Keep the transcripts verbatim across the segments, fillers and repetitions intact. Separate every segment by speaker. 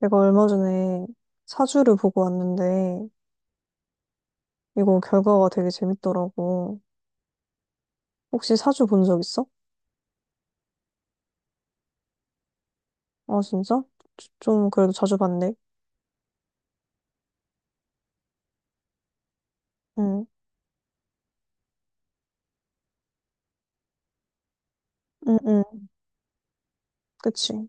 Speaker 1: 내가 얼마 전에 사주를 보고 왔는데, 이거 결과가 되게 재밌더라고. 혹시 사주 본 적 있어? 아, 진짜? 좀 그래도 자주 봤네. 응, 응, 응, 그치.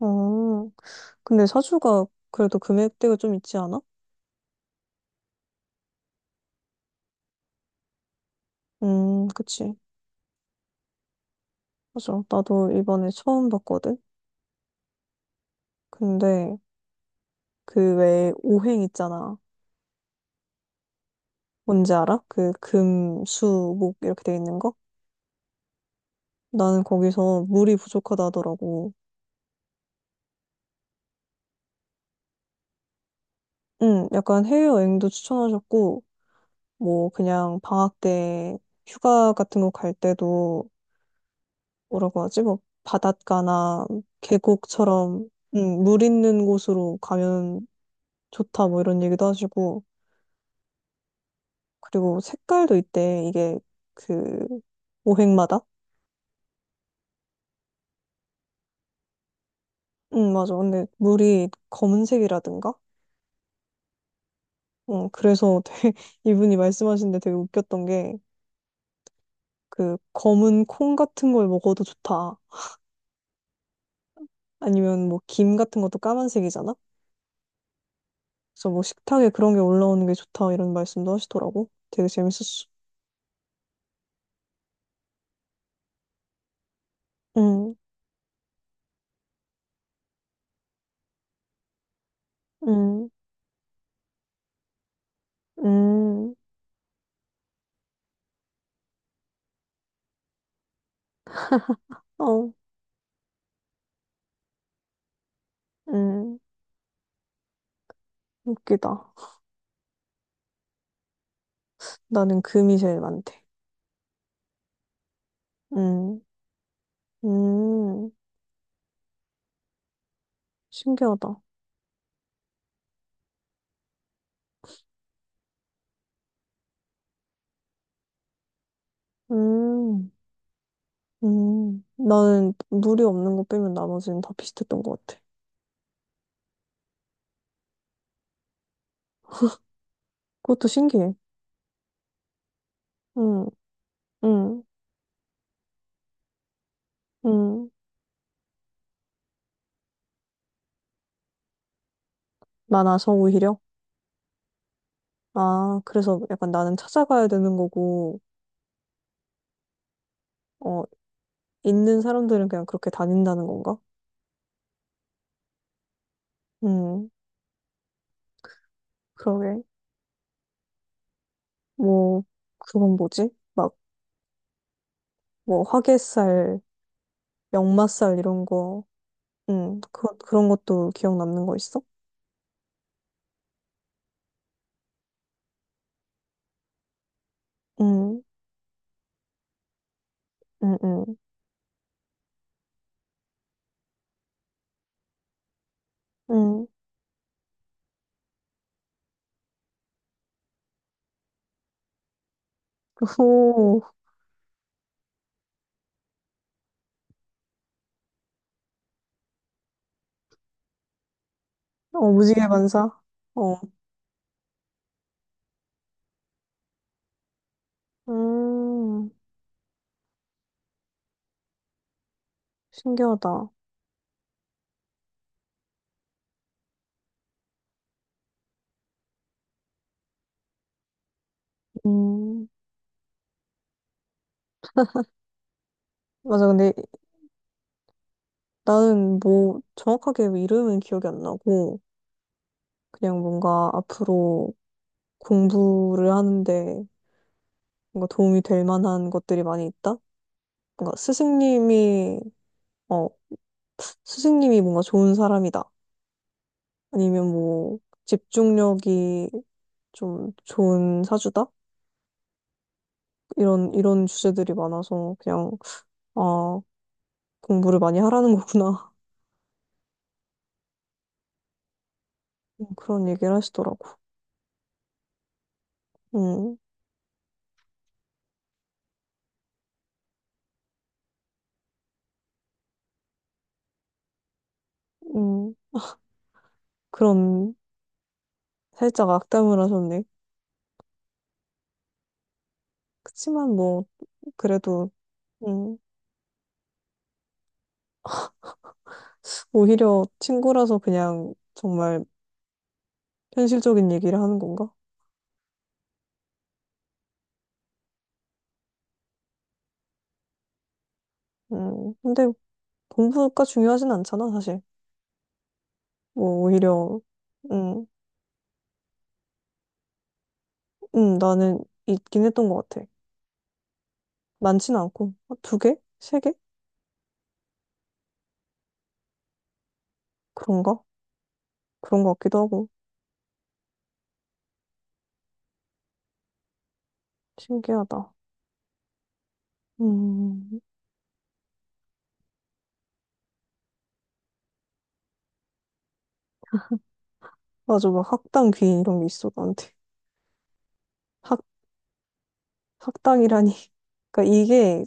Speaker 1: 어, 근데 사주가 그래도 금액대가 좀 있지 않아? 음, 그치. 맞아. 나도 이번에 처음 봤거든? 근데 그 외에 오행 있잖아. 뭔지 알아? 그 금, 수, 목 이렇게 돼 있는 거? 나는 거기서 물이 부족하다 하더라고. 음, 약간 해외여행도 추천하셨고, 뭐, 그냥 방학 때 휴가 같은 거 갈 때도, 뭐라고 하지? 뭐, 바닷가나 계곡처럼, 음, 물 있는 곳으로 가면 좋다, 뭐 이런 얘기도 하시고, 그리고 색깔도 있대, 이게 그, 오행마다? 음, 맞아. 근데 물이 검은색이라든가? 음, 그래서 되게, 이분이 말씀하신 데 되게 웃겼던 게, 그, 검은 콩 같은 걸 먹어도 좋다. 아니면 뭐 김 같은 것도 까만색이잖아? 그래서 뭐 식탁에 그런 게 올라오는 게 좋다 이런 말씀도 하시더라고. 되게 재밌었어. 응, 응, 응, 어, 응. 웃기다. 나는 금이 제일 많대. 응, 음, 신기하다. 음, 음. 나는 물이 없는 거 빼면 나머지는 다 비슷했던 것 같아. 그것도 신기해. 응, 응, 응. 많아서 오히려? 아, 그래서 약간 나는 찾아가야 되는 거고, 어, 있는 사람들은 그냥 그렇게 다닌다는 건가? 음, 그러게. 뭐, 그건 뭐지? 막, 뭐, 화개살, 역마살 이런 거, 음, 그, 그런 것도 기억 남는 거 있어? 음, 음, 음, 음. 오, 어, 무지개 반사? 어, 음, 신기하다. 음, 맞아. 근데 나는 뭐, 정확하게 이름은 기억이 안 나고, 그냥 뭔가 앞으로 공부를 하는데, 뭔가 도움이 될 만한 것들이 많이 있다? 뭔가 스승님이, 어, 스승님이 뭔가 좋은 사람이다. 아니면 뭐, 집중력이 좀 좋은 사주다? 이런, 이런 주제들이 많아서 그냥, 아, 공부를 많이 하라는 거구나. 그런 얘기를 하시더라고. 음, 음, 그런 살짝 악담을 하셨네. 그치만 뭐, 그래도, 음, 오히려 친구라서 그냥 정말 현실적인 얘기를 하는 건가? 음, 근데 공부가 중요하진 않잖아, 사실. 뭐, 오히려, 음, 음, 나는 있긴 했던 것 같아. 많진 않고. 아, 두 개? 세 개? 그런가? 그런 것 같기도 하고. 신기하다. 음, 맞아. 막 학당 귀인 이런 게 있어, 나한테. 학, 학당이라니. 그러니까 이게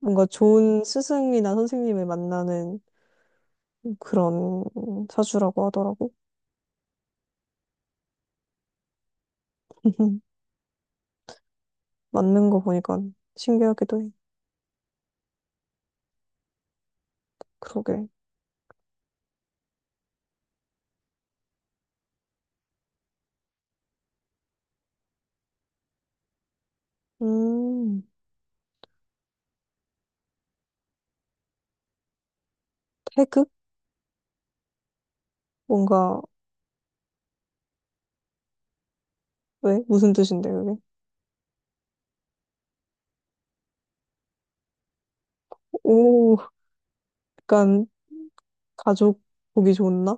Speaker 1: 뭔가 좋은 스승이나 선생님을 만나는 그런 사주라고 하더라고. 맞는 거 보니까 신기하기도 해. 그러게. 음, 태극? 뭔가, 왜? 무슨 뜻인데, 그게? 오, 약간 가족 보기 좋나?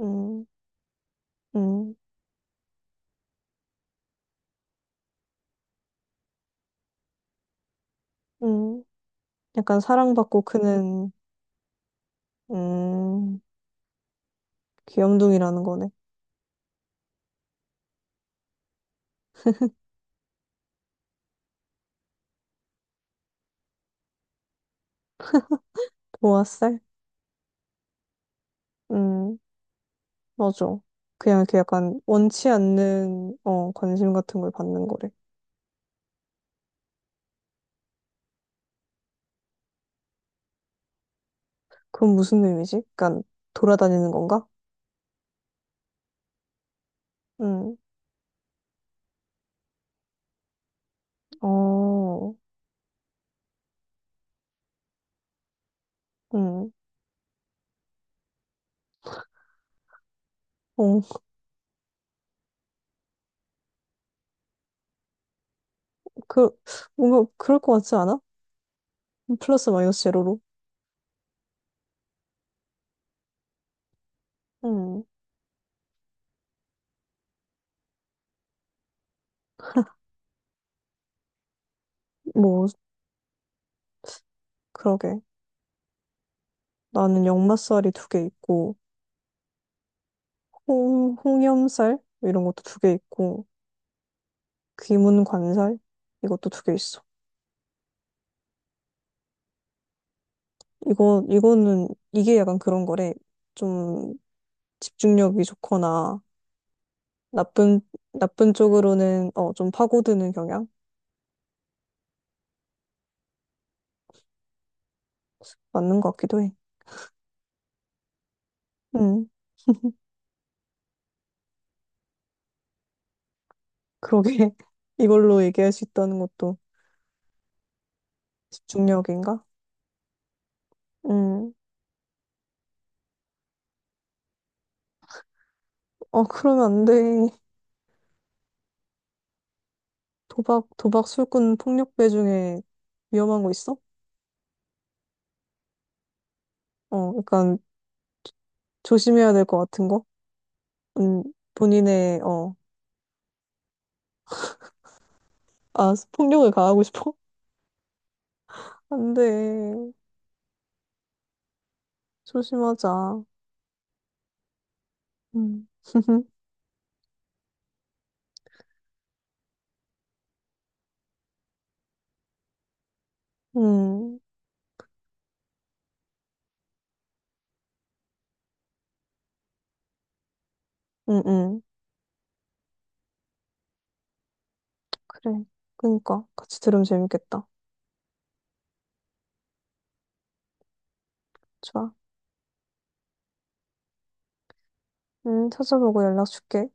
Speaker 1: 음, 음, 음. 약간 사랑받고 크는, 음, 귀염둥이라는 거네. 도화살? 음, 맞아. 그냥 이렇게 약간 원치 않는, 어, 관심 같은 걸 받는 거래. 그건 무슨 의미지? 약간 돌아다니는 건가? 음, 어, 음, 어. 그, 뭔가 그럴 것 같지 않아? 플러스 마이너스 제로로. 음, 뭐, 그러게. 나는 역마살이 두 개 있고, 홍, 홍염살 이런 것도 두 개 있고 귀문관살 이것도 두 개 있어. 이거 이거는 이게 약간 그런 거래. 좀 집중력이 좋거나 나쁜 나쁜 쪽으로는 어, 좀 파고드는 경향. 맞는 것 같기도 해. 음, 그러게. 이걸로 얘기할 수 있다는 것도 집중력인가? 음, 어 그러면 안 돼. 도박 도박 술꾼 폭력배 중에 위험한 거 있어? 어, 약간 조심해야 될 것 같은 거? 음, 본인의 어, 아, 폭력을 가하고 싶어? 안 돼. 조심하자. 음. 음, 음, 음. 그래. 그니까. 같이 들으면 재밌겠다. 좋아. 음, 찾아보고 연락 줄게.